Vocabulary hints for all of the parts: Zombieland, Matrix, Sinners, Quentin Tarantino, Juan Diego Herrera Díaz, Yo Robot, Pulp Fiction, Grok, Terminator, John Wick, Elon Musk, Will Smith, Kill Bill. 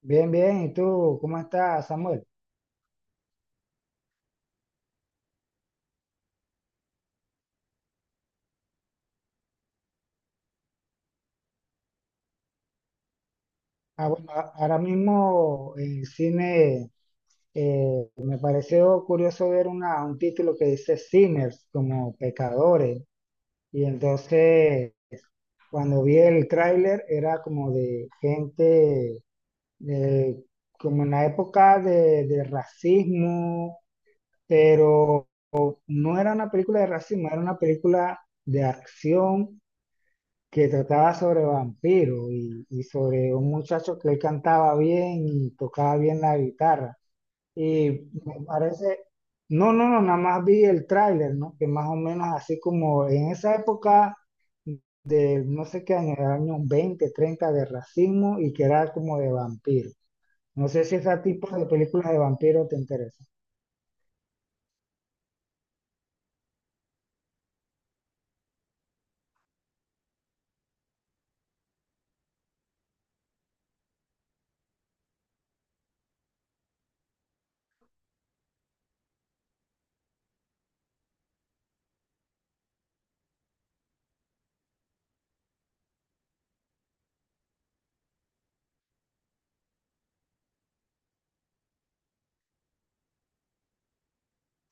Bien, bien. ¿Y tú cómo estás, Samuel? Ahora mismo en cine me pareció curioso ver un título que dice Sinners, como pecadores. Y entonces cuando vi el tráiler era como de gente, de- como en la época de racismo, pero no era una película de racismo, era una película de acción que trataba sobre vampiros y sobre un muchacho que él cantaba bien y tocaba bien la guitarra. Y me parece, no, nada más vi el tráiler, ¿no? Que más o menos así como en esa época de no sé qué año, era año 20, 30 de racismo y que era como de vampiro. No sé si ese tipo de películas de vampiro te interesa.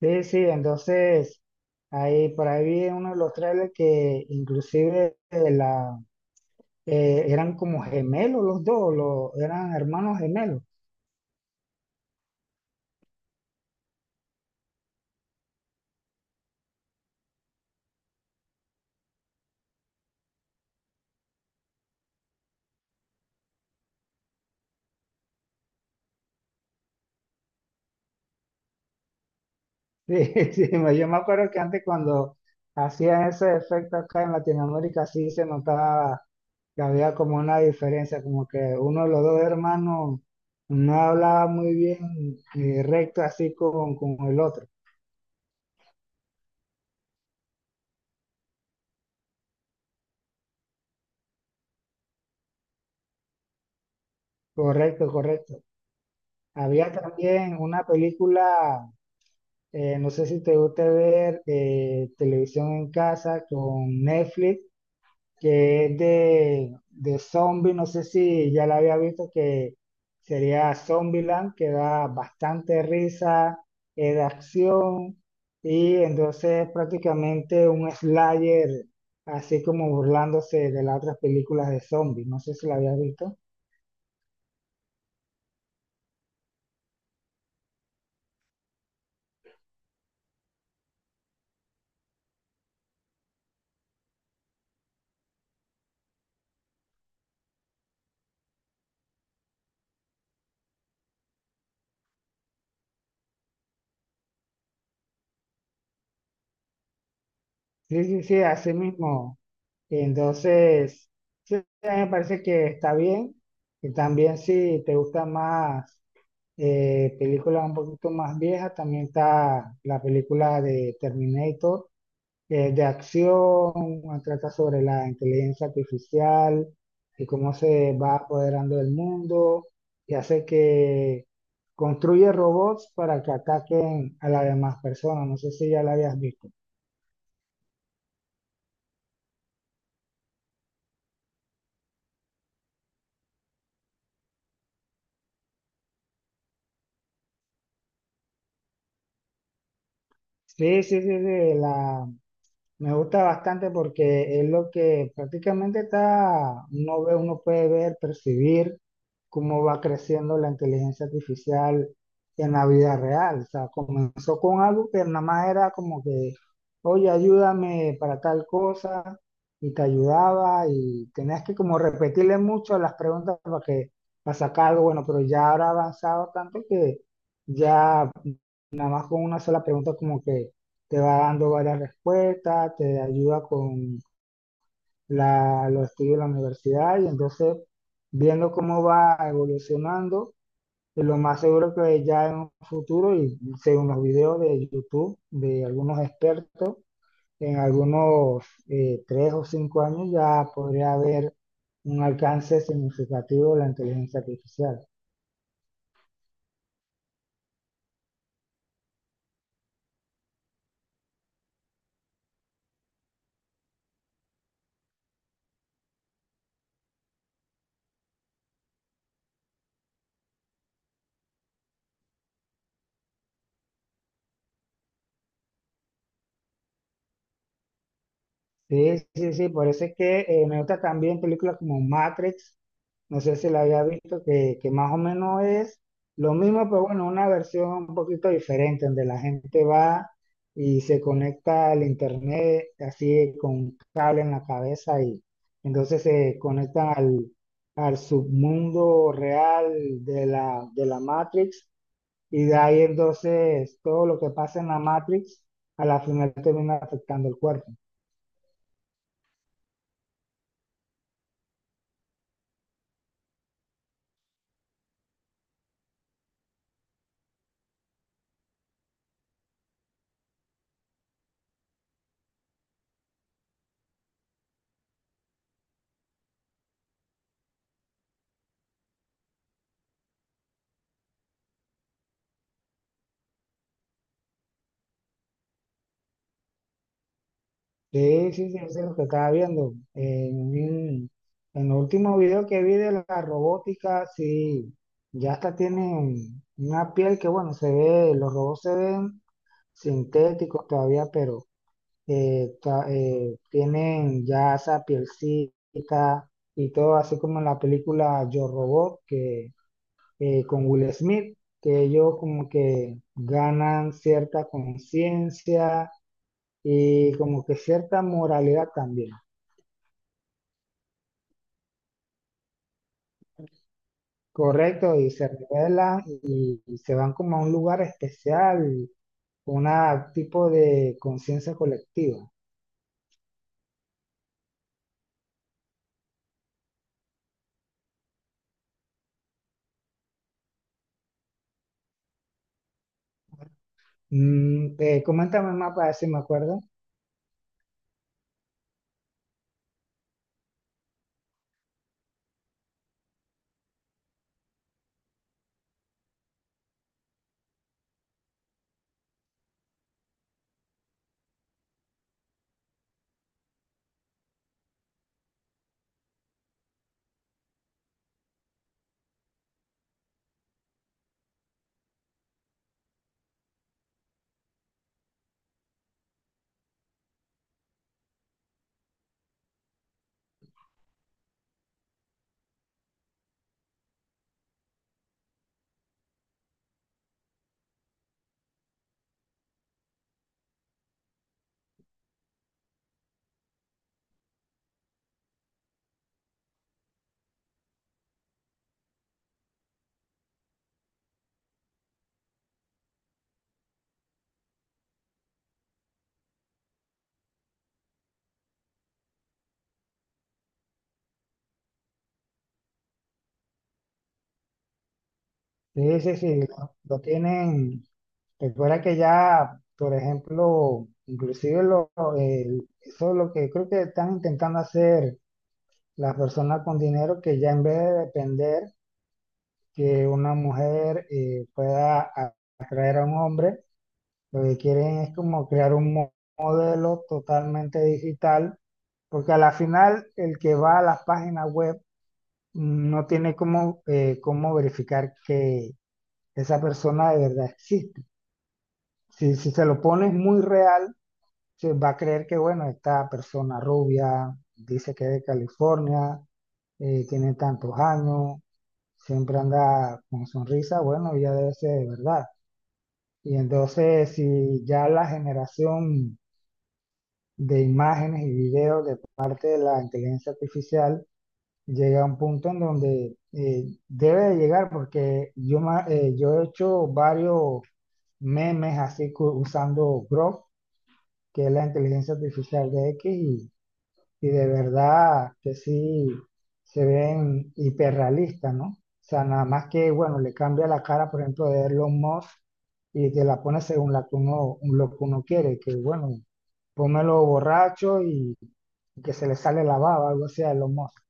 Sí, sí, entonces ahí por ahí vi en uno de los trailers que inclusive la eran como gemelos los dos, eran hermanos gemelos. Sí, sí, yo me acuerdo que antes cuando hacían ese efecto acá en Latinoamérica, sí se notaba que había como una diferencia, como que uno de los dos hermanos no hablaba muy bien recto así con el otro. Correcto, correcto. Había también una película, no sé si te gusta ver televisión en casa con Netflix que es de zombie, no sé si ya la había visto, que sería Zombieland, que da bastante risa, es de acción, y entonces prácticamente un slasher, así como burlándose de las otras películas de zombies, no sé si la había visto. Sí, sí, sí, así mismo. Entonces, sí, a mí me parece que está bien, y también si te gusta más películas un poquito más viejas, también está la película de Terminator, de acción, trata sobre la inteligencia artificial y cómo se va apoderando del mundo y hace que construye robots para que ataquen a las demás personas. No sé si ya la habías visto. Sí, sí, sí, sí, la, Me gusta bastante porque es lo que prácticamente está, uno ve, uno puede ver, percibir cómo va creciendo la inteligencia artificial en la vida real. O sea, comenzó con algo que nada más era como que, oye, ayúdame para tal cosa, y te ayudaba, y tenías que como repetirle mucho las preguntas para sacar algo bueno, pero ya ahora ha avanzado tanto que ya con una sola pregunta como que te va dando varias respuestas, te ayuda con los estudios de la universidad y entonces viendo cómo va evolucionando, lo más seguro que ya en un futuro y según los videos de YouTube de algunos expertos, en algunos tres o cinco años ya podría haber un alcance significativo de la inteligencia artificial. Sí, sí, sí, por eso es que me gusta también películas como Matrix, no sé si la había visto, que más o menos es lo mismo, pero bueno, una versión un poquito diferente, donde la gente va y se conecta al internet así con un cable en la cabeza y entonces se conectan al submundo real de la Matrix y de ahí entonces todo lo que pasa en la Matrix a la final termina afectando el cuerpo. Sí, sí, sí, eso es lo que estaba viendo. En el último video que vi de la robótica, sí, ya hasta tienen una piel que, bueno, se ve, los robots se ven sintéticos todavía, pero tienen ya esa pielcita y todo, así como en la película Yo Robot, que con Will Smith, que ellos como que ganan cierta conciencia y como que cierta moralidad también. Correcto, y se revelan y se van como a un lugar especial, un tipo de conciencia colectiva. Mm, coméntame más para ver si me acuerdo. Sí, sí, sí, lo tienen. Recuerda que ya, por ejemplo, inclusive eso es lo que creo que están intentando hacer las personas con dinero, que ya en vez de depender que una mujer pueda atraer a un hombre, lo que quieren es como crear un modelo totalmente digital, porque a la final el que va a las páginas web no tiene cómo, cómo verificar que esa persona de verdad existe. Si, si se lo pones muy real, se va a creer que, bueno, esta persona rubia dice que es de California, tiene tantos años, siempre anda con sonrisa, bueno, ya debe ser de verdad. Y entonces, si ya la generación de imágenes y videos de parte de la inteligencia artificial llega a un punto en donde debe de llegar, porque yo he hecho varios memes así usando Grok, que es la inteligencia artificial de X, y de verdad que sí se ven hiperrealistas, ¿no? O sea, nada más que, bueno, le cambia la cara, por ejemplo, de Elon Musk y te la pone según la que uno, lo que uno quiere, que bueno, pónmelo borracho y que se le sale la baba, algo así de los mozos.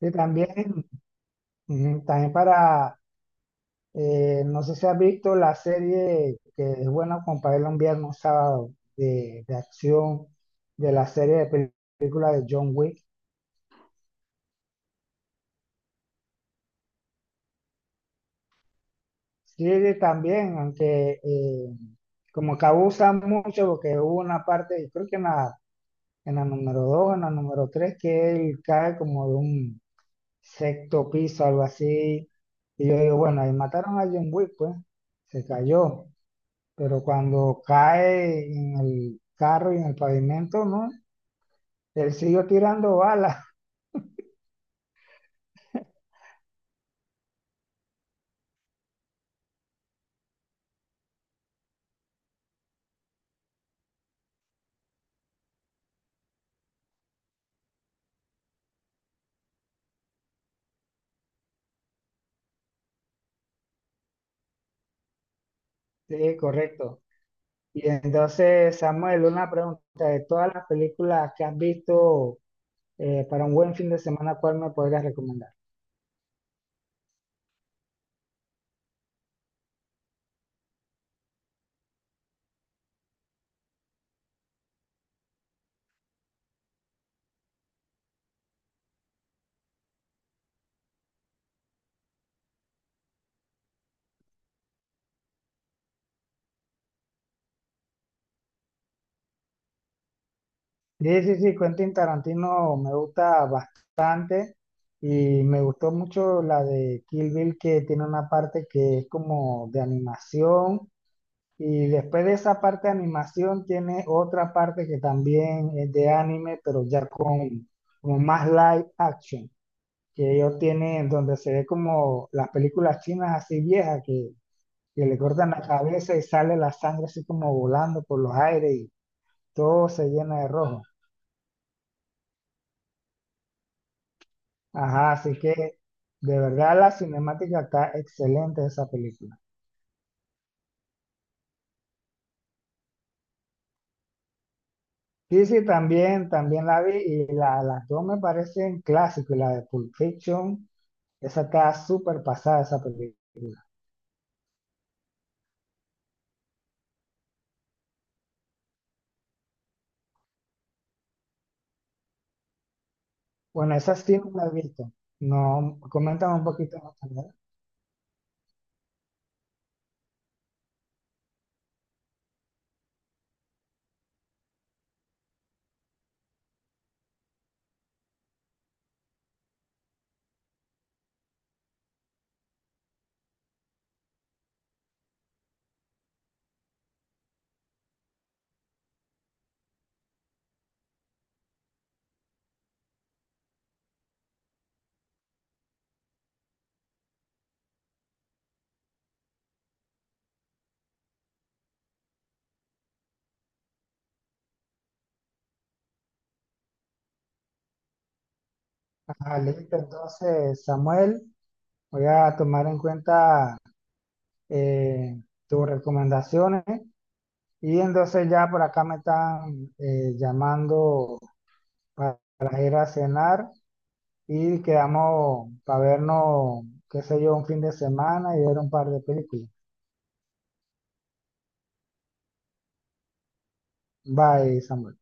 Y también, ujú, también no sé si has visto la serie que es buena como para verla un viernes, un sábado, de acción, de la serie de película de John Wick. Sí, también, aunque como que abusan mucho, porque hubo una parte, creo que en la número 2 en la número 3 que él cae como de un sexto piso, algo así. Y yo digo, bueno, ahí mataron a John Wick, pues, se cayó. Pero cuando cae en el carro y en el pavimento, ¿no? Él siguió tirando balas. Sí, correcto. Y entonces, Samuel, una pregunta, de todas las películas que has visto para un buen fin de semana, ¿cuál me podrías recomendar? Sí, sí, sí, Quentin Tarantino me gusta bastante y me gustó mucho la de Kill Bill que tiene una parte que es como de animación y después de esa parte de animación tiene otra parte que también es de anime pero ya con como más live action que ellos tienen donde se ve como las películas chinas así viejas que le cortan la cabeza y sale la sangre así como volando por los aires y todo se llena de rojo. Ajá, así que de verdad la cinemática está excelente de esa película. Sí, sí, también, también la vi y las dos me parecen clásicos. Y la de Pulp Fiction, esa está súper pasada, esa película. Bueno, esa sí no la he visto. No, coméntame un poquito más también. Ajá, listo. Entonces, Samuel, voy a tomar en cuenta eh, tus recomendaciones y entonces ya por acá me están llamando para ir a cenar. Y quedamos para vernos, qué sé yo, un fin de semana y ver un par de películas. Bye, Samuel.